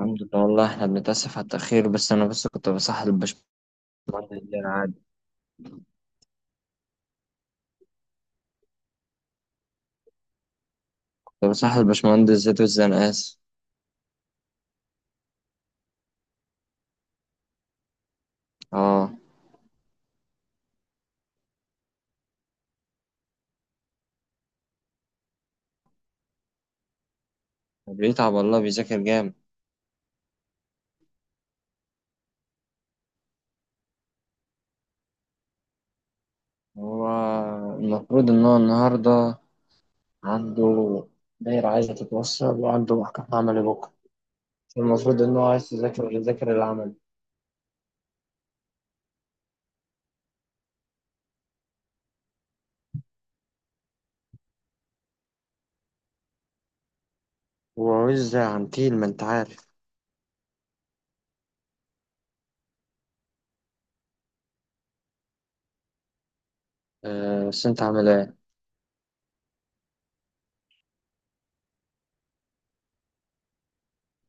الحمد لله والله احنا بنتأسف على التأخير بس أنا بس كنت بصحح الباشمهندس زياد. كنت بصحح الباشمهندس زياد الزنقاس. اه بيتعب والله بيذاكر جامد. هو المفروض إن هو النهاردة عنده دايرة عايزة تتوصل وعنده محكمة عملي بكرة. المفروض إن هو عايز يذاكر العمل وعز عنتيل ما أنت عارف. آه بس أنت عامل إيه؟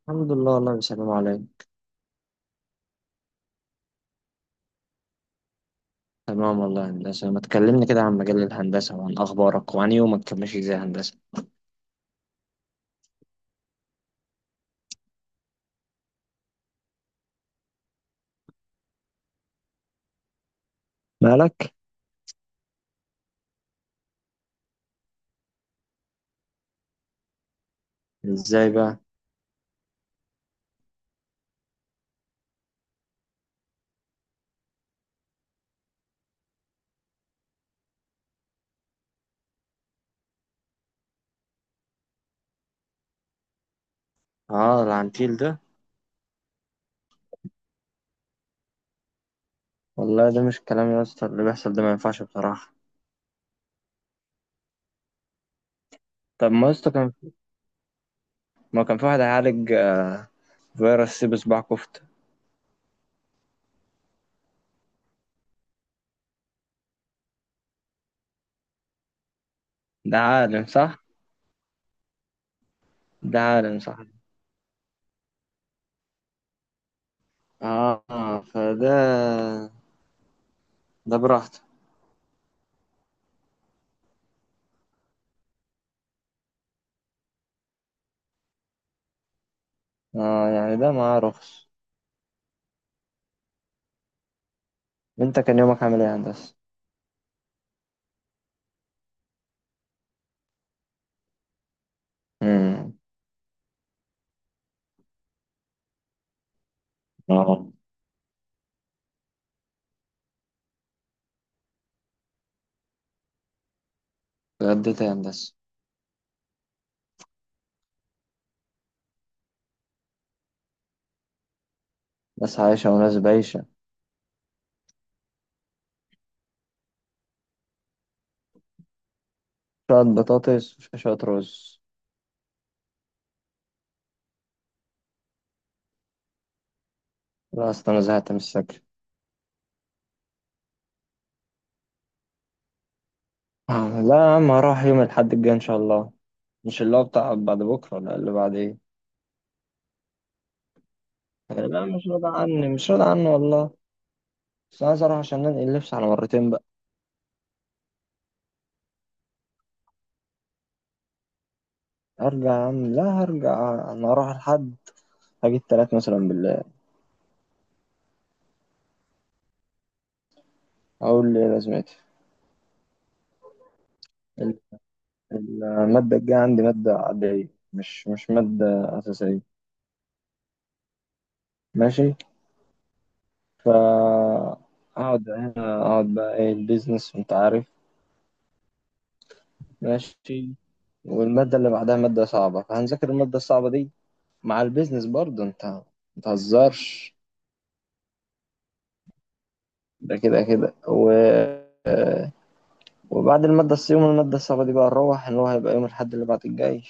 الحمد لله والله بيسلموا عليا. تمام والله يا هندسة، ما تكلمني كده عن مجال الهندسة وعن أخبارك وعن يومك، كان ماشي إزاي يا هندسة؟ مالك؟ ازاي بقى؟ اه العنتيل ده. والله ده مش كلام يا اسطى، اللي بيحصل ده ما ينفعش بصراحة. طب ما يا اسطى كان، ما كان في واحد هيعالج فيروس سي بصباع كفتة. ده عالم صح. ده عالم صح. اه فده ده براحته. اه يعني ده معاه رخص. انت كان يومك عامل ايه يا هندسة؟ امم. اه. اتغديت إيه يا هندسة؟ ناس عايشة وناس بايشة. شوية بطاطس وشوية رز. لا اصل انا زهقت من السكر. لا يا عم، هروح يوم الأحد الجاي إن شاء الله. مش اللي هو بتاع بعد بكرة ولا اللي بعد ايه؟ لا مش راضي عني، مش راضي عني والله. بس عايز اروح عشان انقل اللبس على مرتين بقى. هرجع يا عم، لا هرجع، انا هروح لحد، هجيب 3 مثلا بالله. اقول لي لازمتي. ال- المادة الجاية عندي مادة عادية، مش مادة أساسية. ماشي. فا أقعد هنا، أقعد بقى إيه البيزنس أنت عارف. ماشي. والمادة اللي بعدها مادة صعبة، فهنذاكر المادة الصعبة دي مع البيزنس برضه. أنت متهزرش. ده كده كده وبعد المادة يوم المادة الصعبة دي بقى، نروح اللي هو هيبقى يوم الأحد اللي بعد الجاي،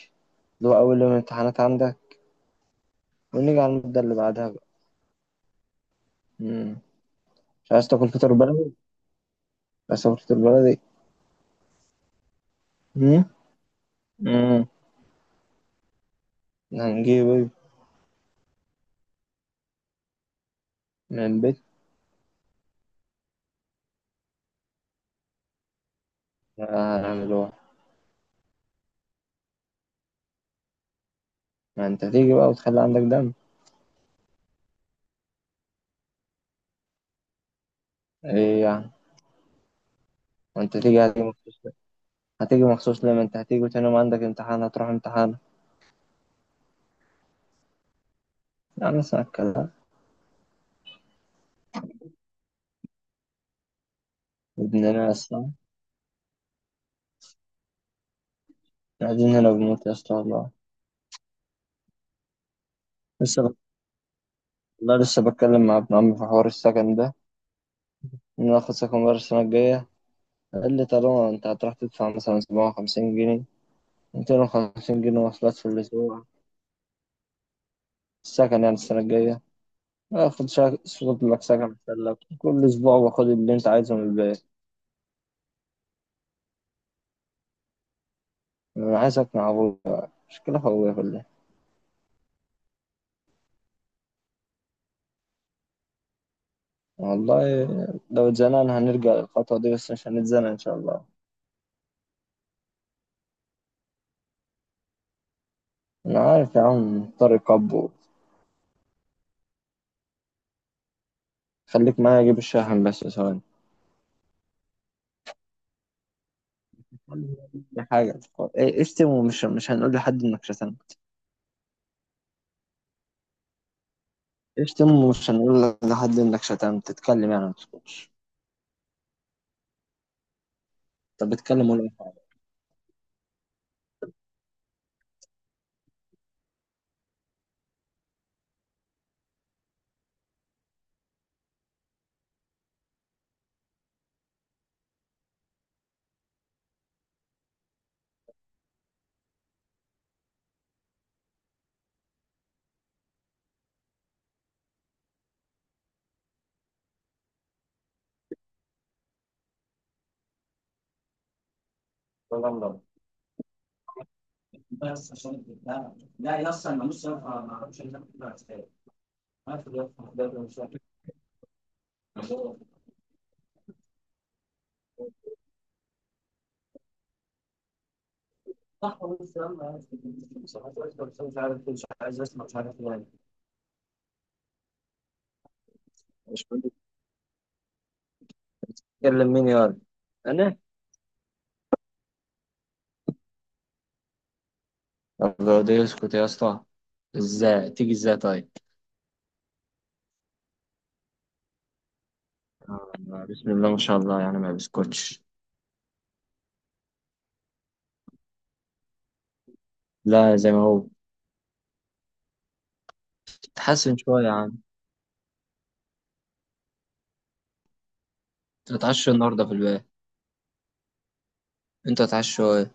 اللي هو أول يوم امتحانات عندك. ونيجي على المادة اللي بعدها بقى. مم. مش عايز تاكل فطار بلدي؟ عايز تاكل فطار بلدي؟ مم؟ مم. هنجيب إيه؟ من البيت. هنعمل هو. ما أنت هتيجي بقى وتخلي عندك دم. إيه يعني؟ ما أنت هتيجي مخصوص ليه؟ هتيجي مخصوص ليه؟ ما أنت هتيجي وتاني يوم عندك امتحان، هتروح امتحان. يعني اسمع الكلام. ابن ناس. قاعدين هنا بنموت يا اسطى والله. لسه، لا لسه بتكلم مع ابن عمي في حوار السكن ده، إن ناخد سكن بره السنة الجاية. قال لي طالما أنت هتروح تدفع مثلا 57 جنيه، 250 جنيه مواصلات في الأسبوع، السكن يعني السنة الجاية آخد شغل لك سكن أحسن لك، كل أسبوع باخد اللي أنت عايزه من البيت. أنا عايز أقنع أبويا، مشكلة في أبويا كلها. والله لو اتزنقنا هنرجع للخطوة دي، بس مش هنتزنق إن شاء الله. أنا عارف يا عم طارق أبو. خليك معايا أجيب الشاحن بس ثواني. دي حاجة، اشتم ومش مش هنقول لحد انك شتمت. اشتم ومش هنقول لحد انك شتمت، تتكلم يعني، ما تسكتش. طب اتكلم ولا أي حاجة. مش كنت تتكلم مين يا ولد انا؟ طب لو ده يسكت يا اسطى، ازاي تيجي ازاي طيب؟ آه، بسم الله ما شاء الله، يعني ما بيسكتش. لا زي ما هو. تتحسن شوية يا عم. تتعشى النهاردة في البيت. انت تتعشى ايه؟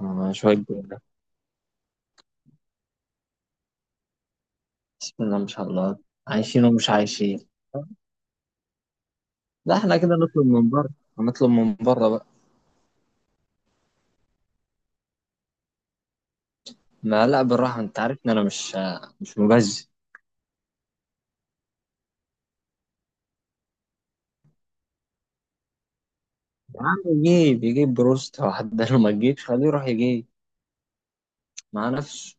شوية. بسم الله ما شاء الله. عايشين ومش عايشين. لا احنا كده نطلب من بره، هنطلب من بره بقى. ما لا بالراحة، انت عارف ان انا مش مبذر. يا عم، يجيب بروست واحد ده، لو ما تجيبش خليه يروح يجيب مع نفسه.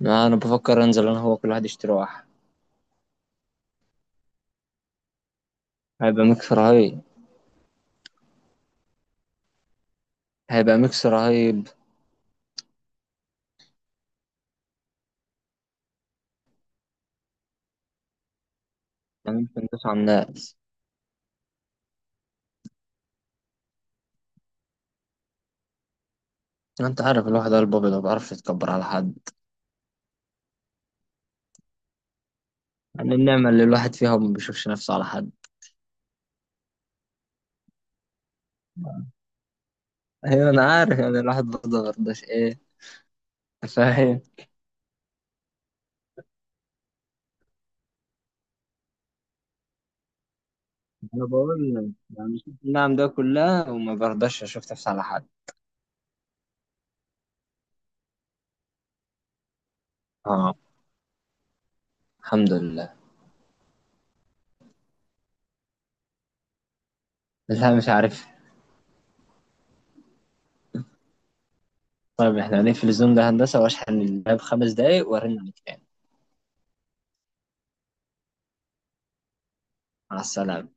ما انا بفكر انزل، انا هو كل واحد يشتري واحد. هيبقى ميكس رهيب. هيبقى ميكس رهيب. يعني ممكن ندوس على الناس. انت عارف الواحد قلبه ابيض، ما بيعرفش يتكبر على حد. يعني النعمة اللي الواحد فيها، وما بيشوفش نفسه على حد. ايوه انا عارف، يعني الواحد برضه ما برضاش ايه. فاهم. انا بقول لك، انا شفت النعم ده كلها وما برضاش اشوف نفسي على حد. اه. الحمد لله. لا مش عارف. طيب احنا هنقفل الزوم ده هندسه، واشحن اللاب 5 دقايق وارن عليك تاني. مع السلامه.